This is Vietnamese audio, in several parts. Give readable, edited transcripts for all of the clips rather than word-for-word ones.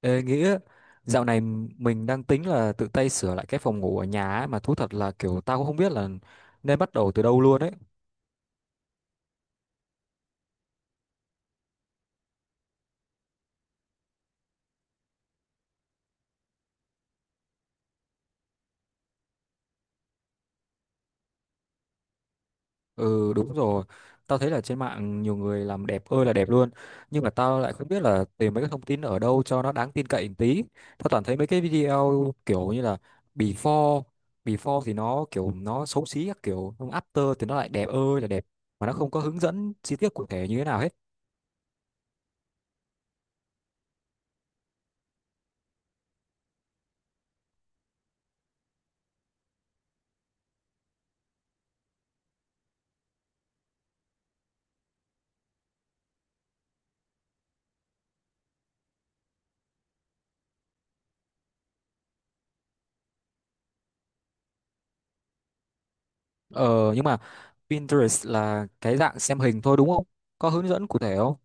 Ê, nghĩa dạo này mình đang tính là tự tay sửa lại cái phòng ngủ ở nhà ấy, mà thú thật là kiểu tao cũng không biết là nên bắt đầu từ đâu luôn ấy. Ừ, đúng rồi, tao thấy là trên mạng nhiều người làm đẹp ơi là đẹp luôn, nhưng mà tao lại không biết là tìm mấy cái thông tin ở đâu cho nó đáng tin cậy một tí. Tao toàn thấy mấy cái video kiểu như là before, before thì nó kiểu nó xấu xí các kiểu, xong after thì nó lại đẹp ơi là đẹp mà nó không có hướng dẫn chi tiết cụ thể như thế nào hết. Ờ, nhưng mà Pinterest là cái dạng xem hình thôi đúng không? Có hướng dẫn cụ thể không?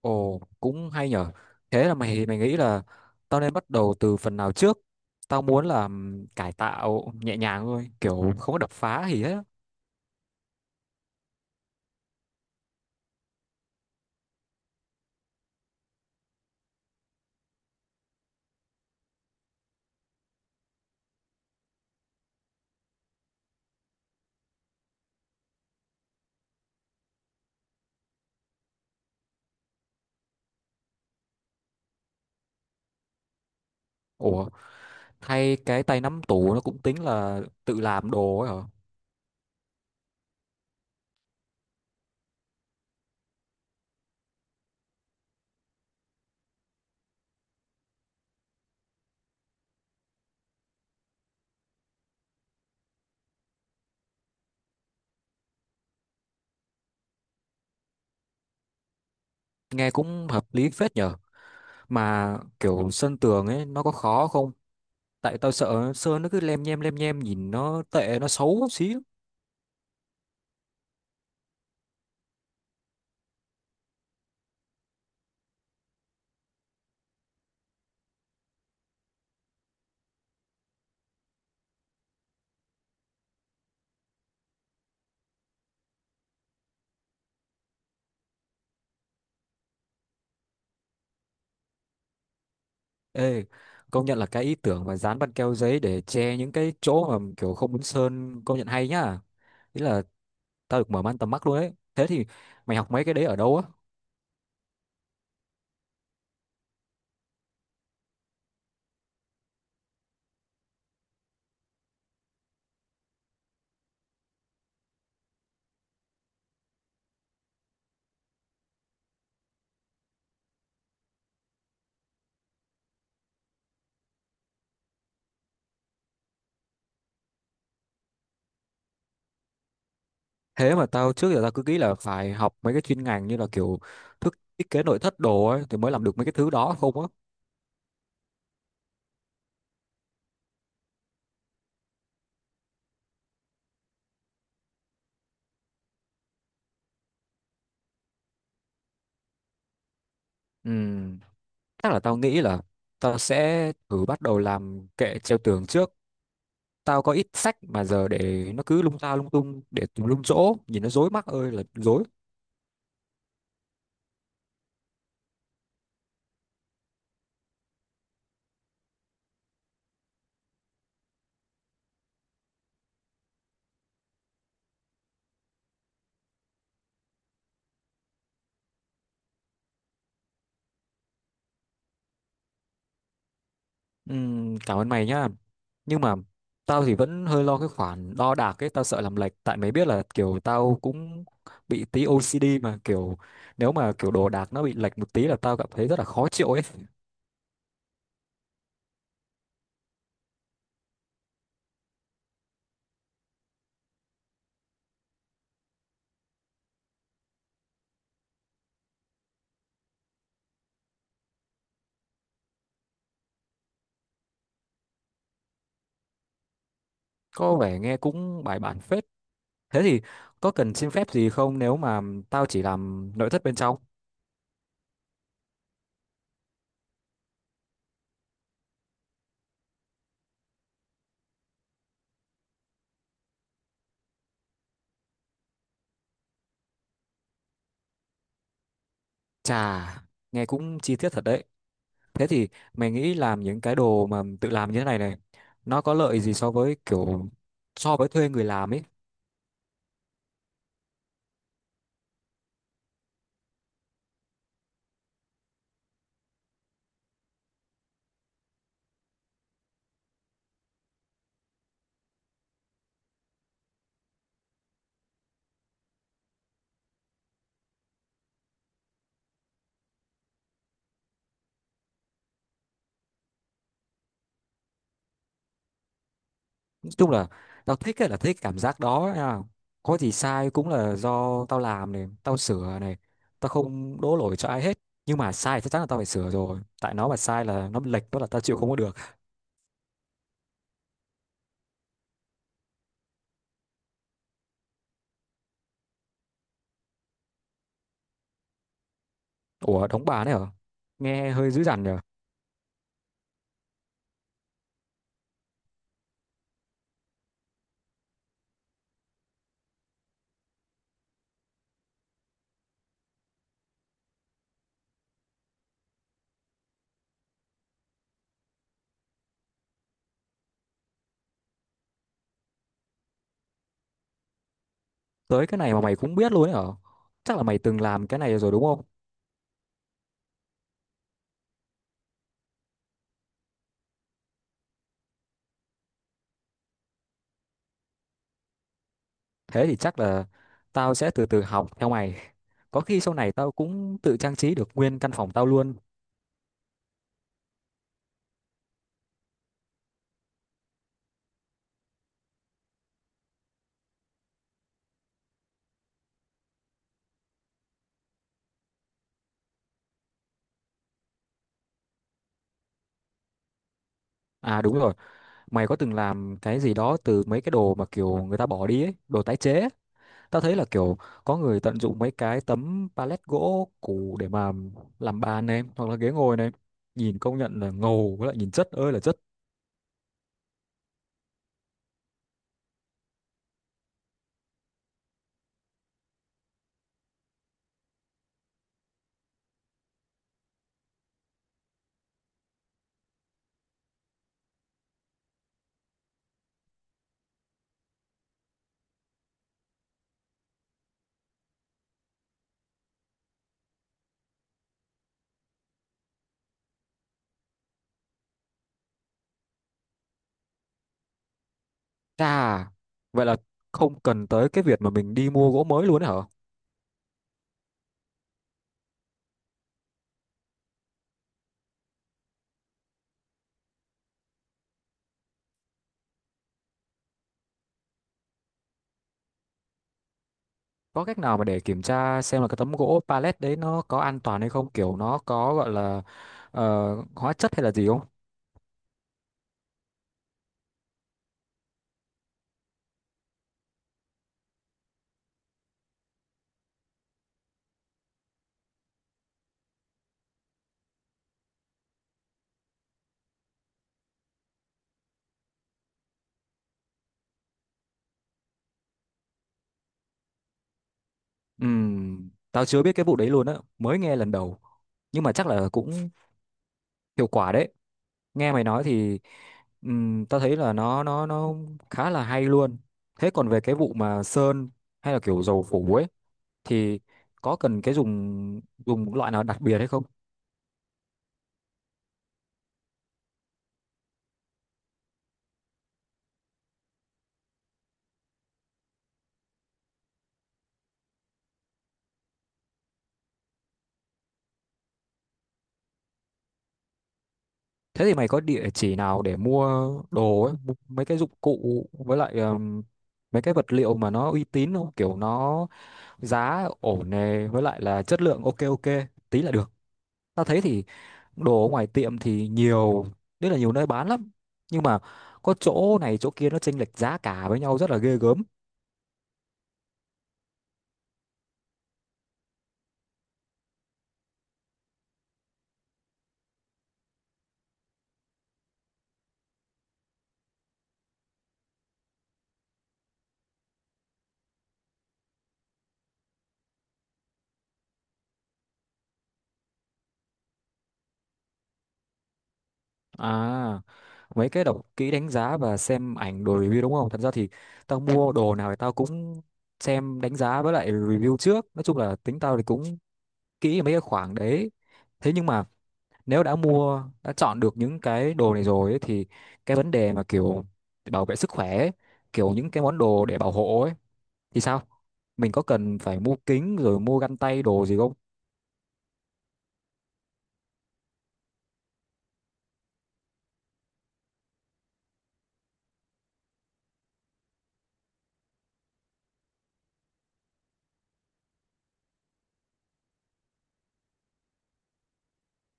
Ồ, cũng hay nhở. Thế là mày mày nghĩ là tao nên bắt đầu từ phần nào trước? Tao muốn là cải tạo nhẹ nhàng thôi, kiểu không có đập phá gì hết. Ủa, thay cái tay nắm tủ nó cũng tính là tự làm đồ ấy hả? Nghe cũng hợp lý phết nhở. Mà kiểu sơn tường ấy nó có khó không? Tại tao sợ sơn nó cứ lem nhem nhìn nó tệ nó xấu xí. Ê, công nhận là cái ý tưởng mà dán băng keo giấy để che những cái chỗ mà kiểu không muốn sơn công nhận hay nhá. Ý là tao được mở mang tầm mắt luôn ấy. Thế thì mày học mấy cái đấy ở đâu á? Thế mà tao trước giờ tao cứ nghĩ là phải học mấy cái chuyên ngành như là kiểu thức thiết kế nội thất đồ ấy thì mới làm được mấy cái thứ đó không á. Ừ, chắc là tao nghĩ là tao sẽ thử bắt đầu làm kệ treo tường trước. Tao có ít sách mà giờ để nó cứ lung ta lung tung để tùm lum chỗ, nhìn nó rối mắt ơi là rối. Cảm ơn mày nhá. Nhưng mà tao thì vẫn hơi lo cái khoản đo đạc ấy, tao sợ làm lệch tại mày biết là kiểu tao cũng bị tí OCD mà kiểu nếu mà kiểu đồ đạc nó bị lệch một tí là tao cảm thấy rất là khó chịu ấy. Có vẻ nghe cũng bài bản phết. Thế thì có cần xin phép gì không nếu mà tao chỉ làm nội thất bên trong? Chà, nghe cũng chi tiết thật đấy. Thế thì mày nghĩ làm những cái đồ mà tự làm như thế này này nó có lợi gì so với kiểu so với thuê người làm ấy? Chung là tao thích ấy là thích cảm giác đó nha, có gì sai cũng là do tao làm này tao sửa này, tao không đổ lỗi cho ai hết, nhưng mà sai chắc chắn là tao phải sửa rồi tại nó mà sai là nó lệch đó là tao chịu không có được. Ủa, đóng bà đấy hả? Nghe hơi dữ dằn nhở. Tới cái này mà mày cũng biết luôn đấy hả? Chắc là mày từng làm cái này rồi đúng không? Thế thì chắc là tao sẽ từ từ học theo mày, có khi sau này tao cũng tự trang trí được nguyên căn phòng tao luôn. À, đúng rồi, mày có từng làm cái gì đó từ mấy cái đồ mà kiểu người ta bỏ đi ấy, đồ tái chế ấy. Tao thấy là kiểu có người tận dụng mấy cái tấm pallet gỗ cũ để mà làm bàn này hoặc là ghế ngồi này. Nhìn công nhận là ngầu với lại nhìn chất ơi là chất. Chà, vậy là không cần tới cái việc mà mình đi mua gỗ mới luôn ấy hả? Có cách nào mà để kiểm tra xem là cái tấm gỗ pallet đấy nó có an toàn hay không? Kiểu nó có gọi là hóa chất hay là gì không? Tao chưa biết cái vụ đấy luôn á, mới nghe lần đầu, nhưng mà chắc là cũng hiệu quả đấy. Nghe mày nói thì tao thấy là nó khá là hay luôn. Thế còn về cái vụ mà sơn hay là kiểu dầu phủ ấy thì có cần cái dùng dùng loại nào đặc biệt hay không? Thế thì mày có địa chỉ nào để mua đồ ấy, mua mấy cái dụng cụ với lại mấy cái vật liệu mà nó uy tín không, kiểu nó giá ổn nè với lại là chất lượng ok ok tí là được. Tao thấy thì đồ ở ngoài tiệm thì nhiều, rất là nhiều nơi bán lắm, nhưng mà có chỗ này chỗ kia nó chênh lệch giá cả với nhau rất là ghê gớm. À, mấy cái đọc kỹ đánh giá và xem ảnh đồ review đúng không? Thật ra thì tao mua đồ nào thì tao cũng xem đánh giá với lại review trước, nói chung là tính tao thì cũng kỹ ở mấy cái khoảng đấy. Thế nhưng mà nếu đã mua đã chọn được những cái đồ này rồi ấy, thì cái vấn đề mà kiểu bảo vệ sức khỏe ấy, kiểu những cái món đồ để bảo hộ ấy thì sao, mình có cần phải mua kính rồi mua găng tay đồ gì không?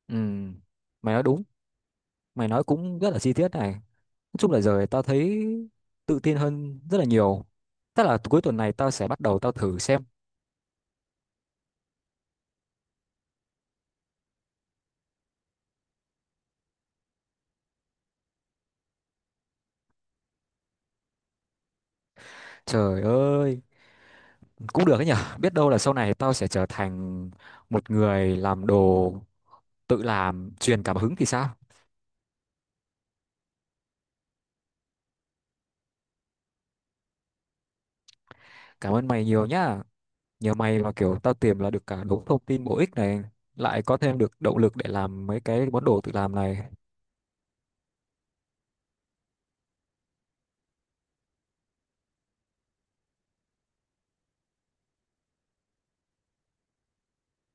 Ừ, mày nói đúng, mày nói cũng rất là chi tiết này. Nói chung là giờ tao thấy tự tin hơn rất là nhiều, tức là cuối tuần này tao sẽ bắt đầu tao thử xem. Trời ơi, cũng được ấy nhở, biết đâu là sau này tao sẽ trở thành một người làm đồ tự làm truyền cảm hứng thì sao. Cảm ơn mày nhiều nhá, nhờ mày mà kiểu tao tìm là được cả đống thông tin bổ ích này, lại có thêm được động lực để làm mấy cái món đồ tự làm này.